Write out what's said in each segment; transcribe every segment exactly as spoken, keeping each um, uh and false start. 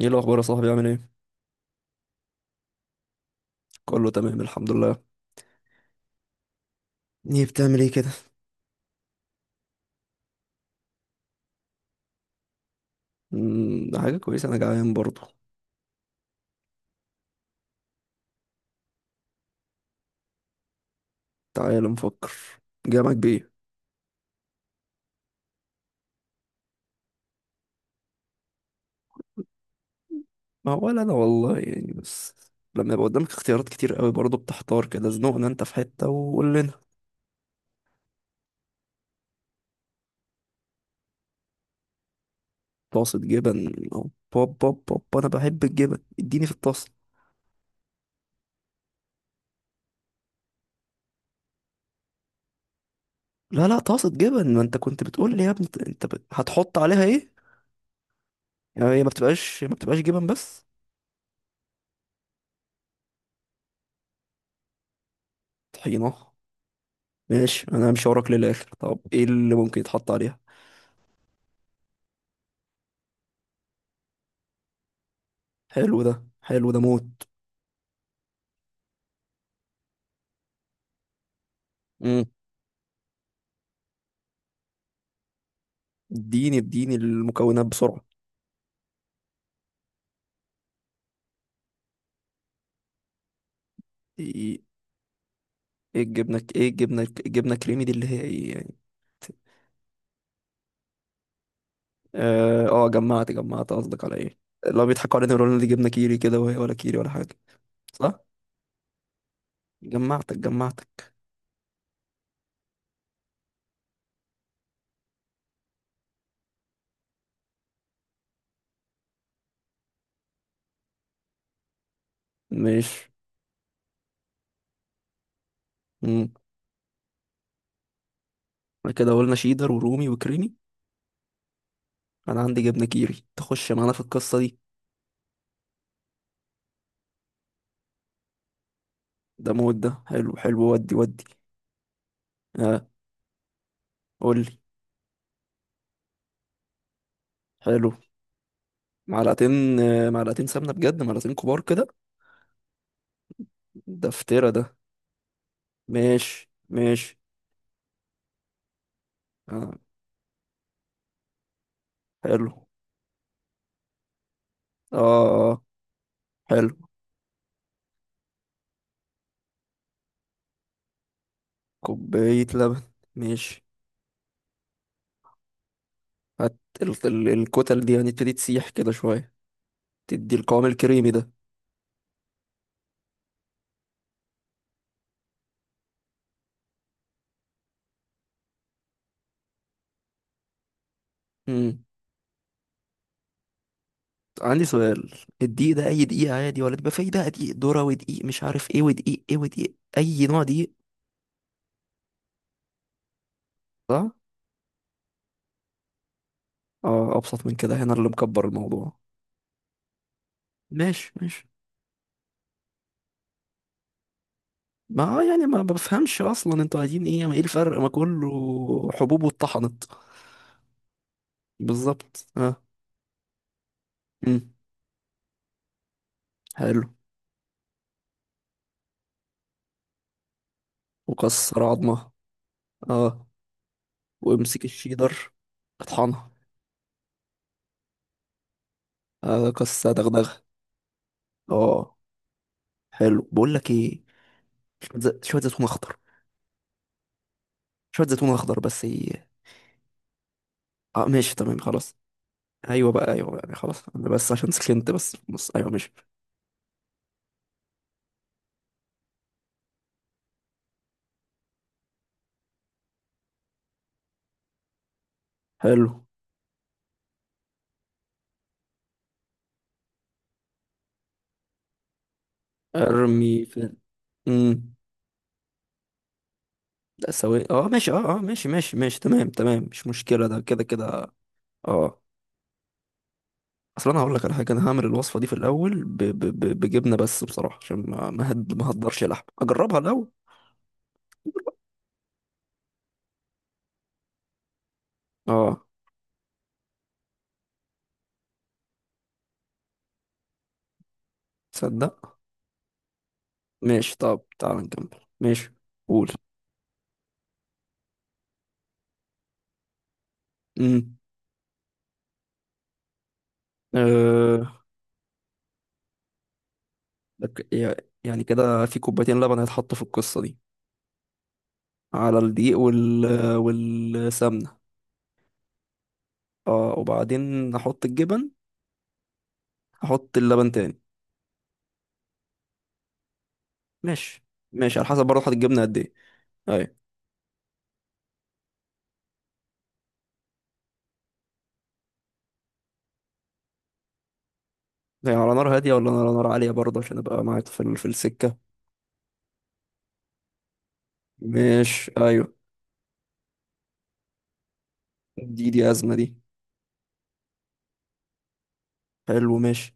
ايه الاخبار يا صاحبي؟ عامل ايه؟ كله تمام، الحمد لله. ايه بتعمل ايه كده؟ امم، ده حاجه كويسه، انا جعان برضه. تعال نفكر. جامعك بايه؟ ما هو ولا انا والله، يعني، بس. لما يبقى قدامك اختيارات كتير قوي برضه بتحتار كده. زنقنا انت في حته وقول لنا. طاسه جبن؟ او بوب بوب بوب، انا بحب الجبن، اديني في الطاسه. لا لا، طاسه جبن، ما انت كنت بتقول لي يا ابني انت بت... هتحط عليها ايه؟ يعني هي ما بتبقاش ما بتبقاش جبن بس؟ طحينه؟ ماشي، انا همشي وراك للاخر. طب ايه اللي ممكن يتحط عليها؟ حلو ده. حلو ده موت. امم. اديني اديني المكونات بسرعة. ايه؟ إيه الجبنة؟ ايه الجبنة الجبنة الكريمي دي اللي هي ايه يعني؟ اه. آه، جمعت جمعت قصدك على ايه؟ لو بيضحكوا علينا يقولوا لنا دي جبنة كيري كده، وهي ولا كيري ولا حاجة. صح. جمعتك جمعتك. ماشي. امم. بعد كده قلنا شيدر ورومي وكريمي. انا عندي جبنة كيري، تخش معانا في القصة دي. ده موت. ده حلو حلو ودي ودي. اه. قول لي. حلو. معلقتين، آه، معلقتين سمنة؟ بجد معلقتين كبار كده؟ ده فترة ده. ماشي ماشي. آه. حلو. اه. آه، حلو. كوباية لبن. ماشي. هت ال- ال- الكتل دي هنبتدي تسيح كده شوية. تدي القوام الكريمي ده. مم. عندي سؤال. الدقيق ده أي دقيق؟ عادي ولا بيبقى فيه بقى دقيق ذرة ودقيق مش عارف ايه ودقيق ايه ودقيق أي نوع دقيق؟ صح؟ اه، أبسط من كده، هنا اللي مكبر الموضوع. ماشي ماشي. ما آه يعني ما بفهمش أصلا، انتوا عايزين ايه؟ ما ايه الفرق؟ ما كله حبوب واتطحنت. بالظبط، اه. مم. حلو. وكسر عظمة. اه. وامسك الشيدر. اطحنها. آه، كسر دغدغة. اه. حلو، بقول لك ايه؟ شوية ز- شوية زيتون اخضر. شوية زيتون اخضر بس ايه؟ اه، ماشي، تمام، خلاص. ايوه بقى ايوه بقى أيوة، خلاص، انا بس عشان سخنت، بس بص ايوه ماشي. حلو. ارمي في. امم. لا سوي، اه ماشي، اه اه ماشي ماشي ماشي، تمام تمام، مش مشكلة ده، كده كده. اه. اصل انا هقول لك على حاجه، انا هعمل الوصفه دي في الاول ب... ب... ب... بجبنه بس، بصراحه عشان ما ما هد... ما هقدرش لحم، اجربها الاول. اه. تصدق. ماشي، طب تعال نكمل، ماشي. قول. امم. أه... لك- يا- يعني كده في كوبايتين لبن هيتحطوا في القصة دي؟ على الدقيق وال والسمنة. اه، وبعدين هحط الجبن. هحط اللبن تاني. ماشي ماشي. على حسب برضه هحط الجبنة قد ايه؟ ايوه. يعني على نار هادية ولا على نار عالية برضه، عشان ابقى معاك في ال- في السكة؟ ماشي، ايوه. دي دي أزمة دي. حلو، ماشي.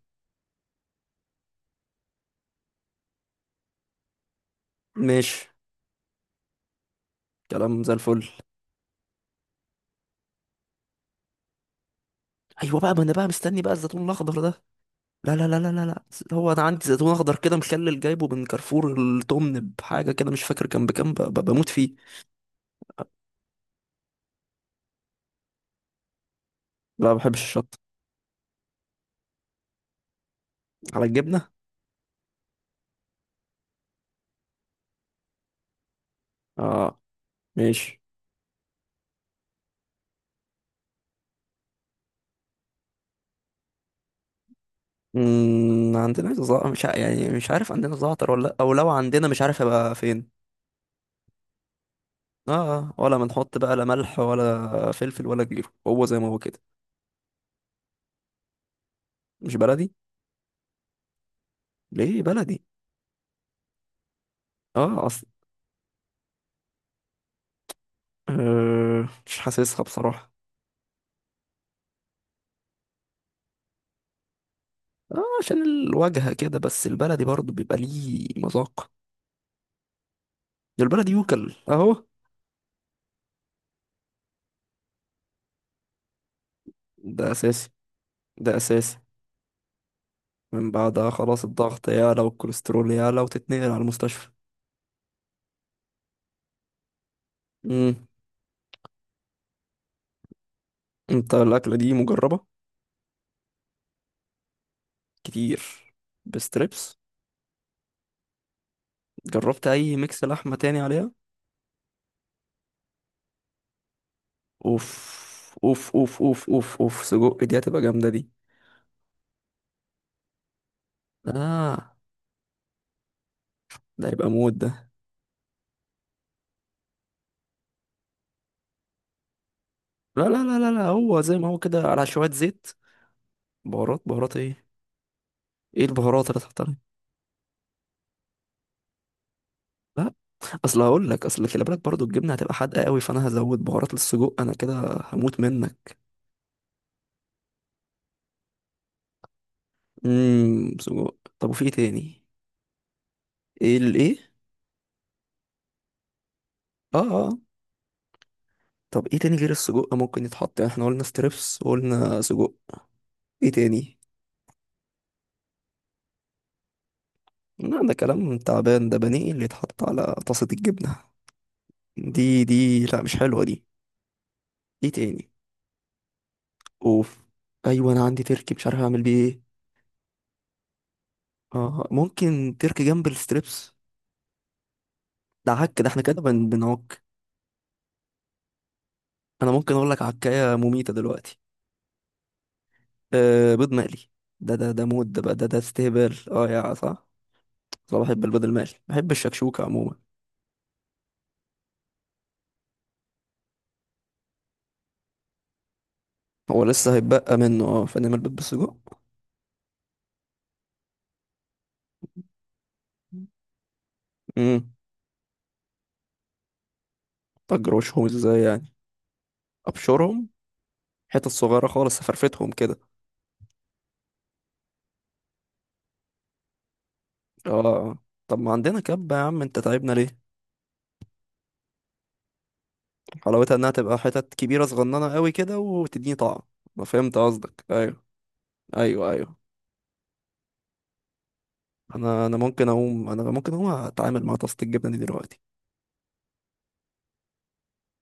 ماشي. كلام زي الفل. ايوه بقى، ما انا بقى مستني بقى الزيتون الاخضر ده. لا لا لا لا لا لا. هو انا عندي زيتون اخضر كده مخلل جايبه من كارفور، التمن بحاجه كده مش فاكر كان بكام، ب- ب- بموت فيه. لا، ما بحبش الشطه. على الجبنه؟ اه، ماشي. امم عندنا زع... مش ع... يعني مش عارف عندنا زعتر ولا لأ، او لو عندنا مش عارف هيبقى فين. اه. آه، ولا بنحط بقى لا ملح ولا فلفل ولا غيره، هو زي ما هو كده؟ مش بلدي. ليه بلدي؟ اه، اصل أه... مش حاسسها بصراحه. اه، عشان الواجهه كده، بس البلدي برضه بيبقى ليه مذاق. البلد يوكل اهو. ده اساسي، ده اساسي. من بعدها خلاص الضغط يعلى والكوليسترول يعلى، وتتنقل على المستشفى. امم. انت الاكله دي مجربه؟ كتير؟ بستريبس؟ جربت اي ميكس لحمه تاني عليها؟ اوف اوف اوف اوف اوف اوف، سجق دي هتبقى جامده دي. اه، ده هيبقى موت ده. لا لا لا لا لا، هو زي ما هو كده على شويه زيت. بهارات. بهارات ايه؟ ايه البهارات اللي تحت عليها؟ اصل هقول لك اصل خلي بالك برضو، الجبنه هتبقى حادقه قوي، فانا هزود بهارات للسجق انا كده. هموت منك. امم سجق، طب وفي ايه تاني؟ ايه الايه؟ اه اه. طب ايه تاني غير السجق ممكن يتحط؟ يعني احنا قلنا ستريبس وقلنا سجق. ايه تاني؟ لا، ده كلام تعبان ده، بانيه اللي يتحط على طاسه الجبنه؟ دي دي، لا مش حلوه دي. ايه تاني؟ اوف. ايوه، انا عندي تركي مش عارف اعمل بيه ايه. اه. آه. ممكن تركي جنب الستريبس؟ ده عك ده، احنا كده بن- بنعك. انا ممكن اقول لك عكايه مميته دلوقتي. آه، بيض مقلي. ده ده ده مود ده بقى، ده ده استهبال، اه يا صح. انا بحب البيض المقلي، بحب الشكشوكة عموما. هو لسه هيتبقى منه، اه، فنعمل بيض بالسجق. امم. اجروشهم ازاي يعني؟ ابشرهم. حتت صغيرة خالص فرفتهم كده. اه. آه. طب ما عندنا كبة يا عم، انت تعبنا ليه؟ حلاوتها انها تبقى حتت كبيرة صغننة قوي كده وتديني طعم. ما فهمت قصدك، ايوه. ايوه ايوه. انا انا ممكن اقوم انا ممكن اقوم اتعامل مع طاسة الجبنة دي دلوقتي.